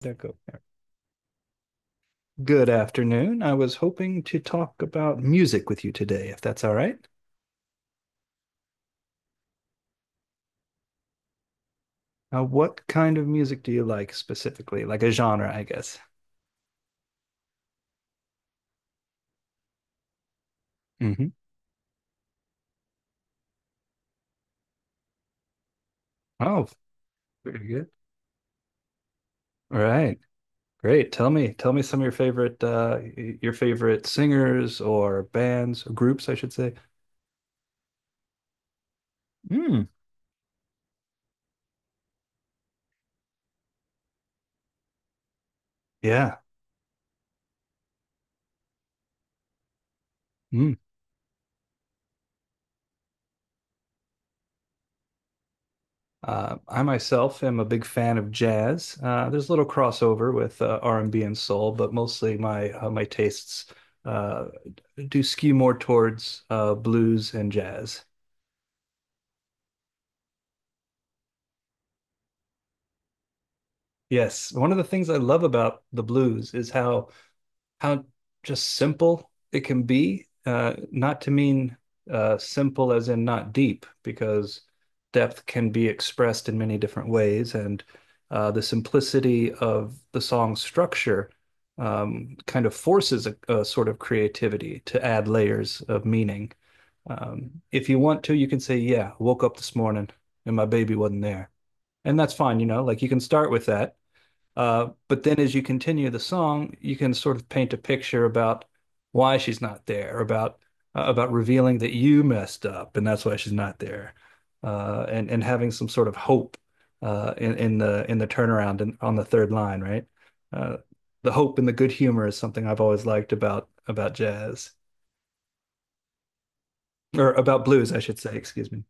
There go. Good afternoon. I was hoping to talk about music with you today, if that's all right. What kind of music do you like specifically? Like a genre, I guess. Hmm. Oh, very good. All right, great. Tell me some of your favorite, your favorite singers or bands or groups, I should say. Mm. Yeah. Hmm. I myself am a big fan of jazz. There's a little crossover with R&B and B and soul, but mostly my tastes uh, do skew more towards blues and jazz. Yes, one of the things I love about the blues is how just simple it can be. Not to mean simple as in not deep, because depth can be expressed in many different ways, and the simplicity of the song structure kind of forces a sort of creativity to add layers of meaning. If you want to, you can say, "Yeah, woke up this morning and my baby wasn't there," and that's fine. You know, like you can start with that, but then as you continue the song, you can sort of paint a picture about why she's not there, about revealing that you messed up and that's why she's not there, and having some sort of hope in the turnaround and on the third line, right? Uh, the hope and the good humor is something I've always liked about jazz or about blues, I should say. Excuse me.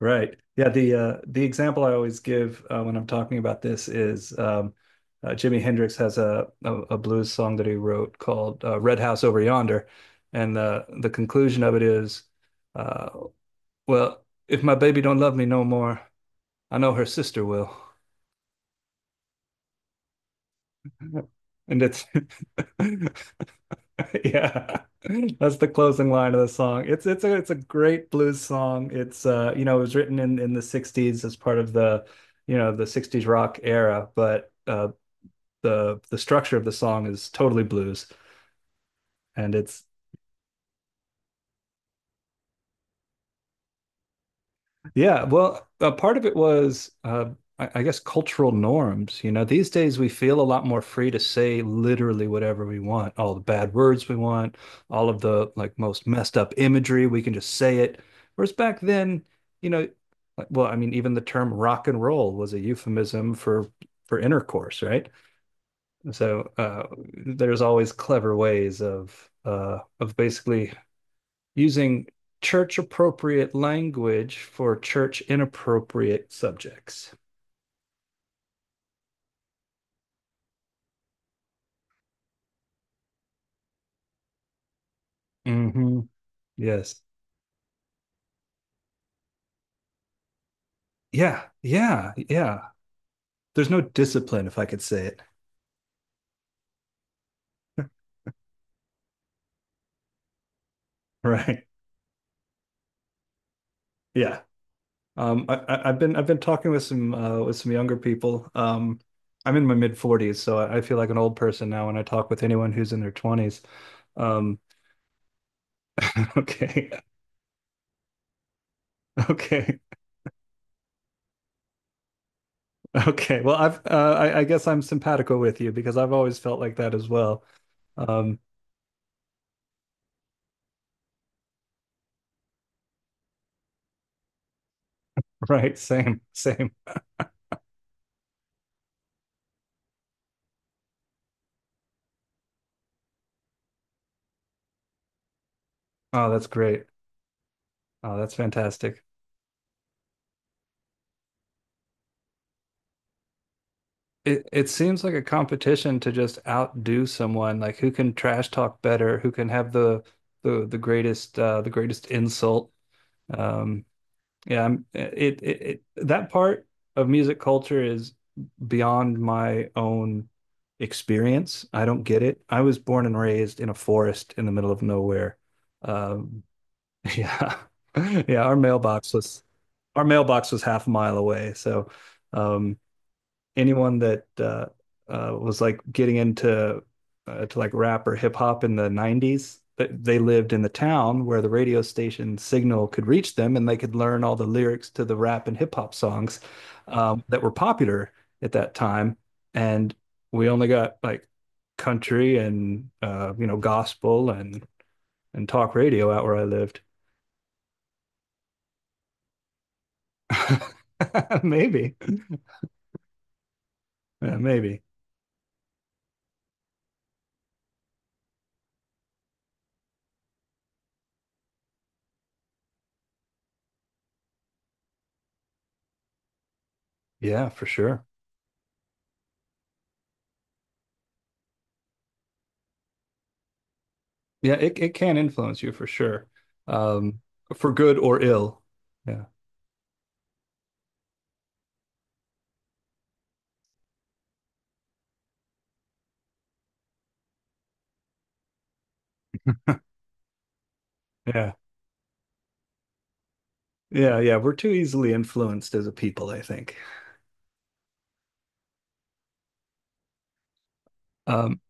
Right. Yeah, the example I always give when I'm talking about this is Jimi Hendrix has a blues song that he wrote called Red House Over Yonder, and the conclusion of it is uh well, if my baby don't love me no more, I know her sister will. And it's. Yeah. That's the closing line of the song. It's a great blues song. It's you know It was written in the 60s as part of the you know the 60s rock era, but the structure of the song is totally blues and it's. Yeah, well, part of it was, I guess, cultural norms. You know, these days we feel a lot more free to say literally whatever we want, all the bad words we want, all of the like most messed up imagery, we can just say it. Whereas back then, you know, like, well, I mean, even the term rock and roll was a euphemism for intercourse, right? So there's always clever ways of basically using church appropriate language for church inappropriate subjects. Mm-hmm. Yes. Yeah. Yeah. Yeah. There's no discipline, if I could say it. Right. Yeah. I- have been I've been talking with some younger people. I'm in my mid 40s, so I feel like an old person now when I talk with anyone who's in their 20s. Um, okay, okay, okay. Well, I guess I'm simpatico with you because I've always felt like that as well. Um, Right, same, same. Oh, that's great. Oh, that's fantastic. It seems like a competition to just outdo someone, like who can trash talk better, who can have the greatest insult. Um yeah, I'm, it that part of music culture is beyond my own experience. I don't get it. I was born and raised in a forest in the middle of nowhere. Um yeah. Yeah, our mailbox was half a mile away. So um, anyone that was like getting into to like rap or hip hop in the 90s, they lived in the town where the radio station signal could reach them and they could learn all the lyrics to the rap and hip hop songs that were popular at that time. And we only got like country and gospel and talk radio out where I lived. Maybe, yeah, maybe, yeah, for sure. Yeah, it can influence you for sure. Um, for good or ill. Yeah. Yeah. Yeah, yeah, we're too easily influenced as a people, I think. Um,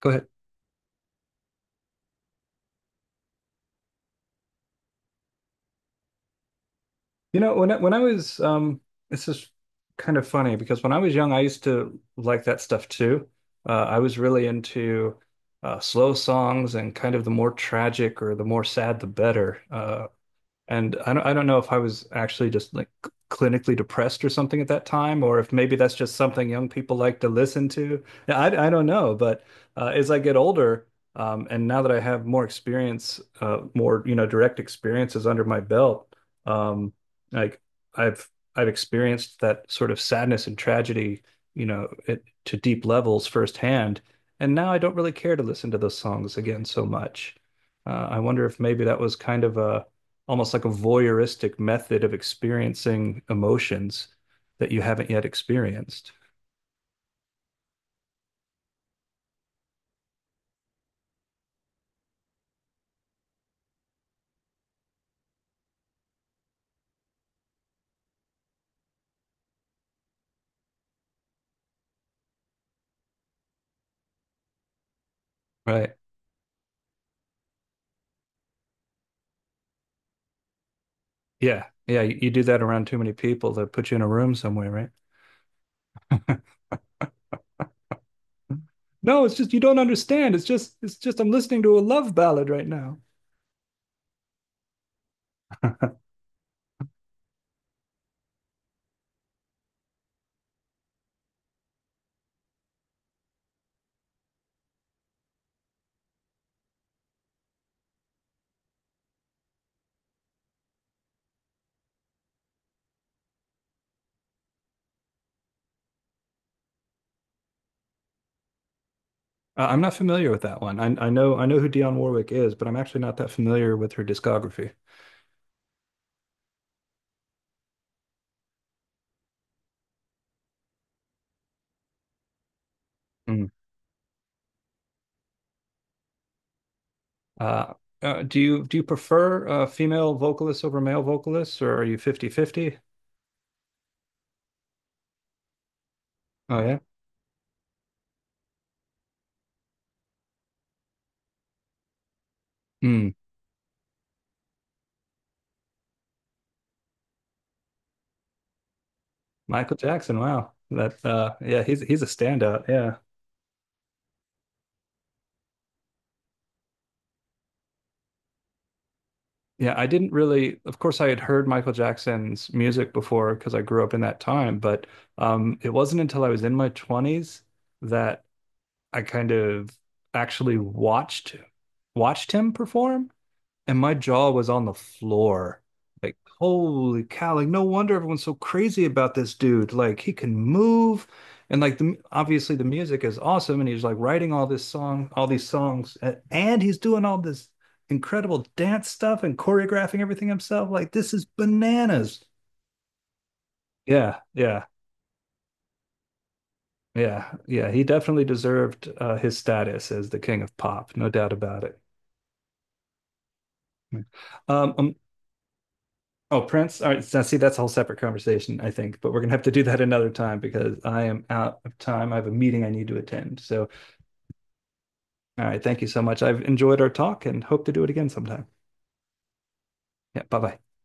Go ahead. You know, when I was this is kind of funny because when I was young, I used to like that stuff too. I was really into slow songs and kind of the more tragic or the more sad, the better. And I don't know if I was actually just like clinically depressed or something at that time, or if maybe that's just something young people like to listen to. Yeah, I don't know. But as I get older, and now that I have more experience, more, you know, direct experiences under my belt, um, like I've, I've experienced that sort of sadness and tragedy, you know, to deep levels firsthand. And now I don't really care to listen to those songs again so much. I wonder if maybe that was kind of almost like a voyeuristic method of experiencing emotions that you haven't yet experienced. Right. Yeah. Yeah. You do that around too many people, they'll put you in a room somewhere, right? No, it's just you don't understand. It's just I'm listening to a love ballad right now. I'm not familiar with that one. I know who Dionne Warwick is, but I'm actually not that familiar with her discography. Mm. Uh, do you prefer female vocalists over male vocalists, or are you fifty-fifty? Oh yeah. Hmm. Michael Jackson. Wow. That yeah, he's a standout. Yeah. Yeah, I didn't really, of course, I had heard Michael Jackson's music before because I grew up in that time, but it wasn't until I was in my 20s that I kind of actually watched him perform. And my jaw was on the floor. Like, holy cow, like no wonder everyone's so crazy about this dude. Like he can move and like the obviously the music is awesome and he's like writing all these songs and he's doing all this incredible dance stuff and choreographing everything himself. Like this is bananas. Yeah, yeah, yeah, yeah. He definitely deserved his status as the king of pop, no doubt about it. Um, um, Oh, Prince. All right. Now, see, that's a whole separate conversation, I think, but we're going to have to do that another time because I am out of time. I have a meeting I need to attend. So, all right. Thank you so much. I've enjoyed our talk and hope to do it again sometime. Yeah. Bye bye.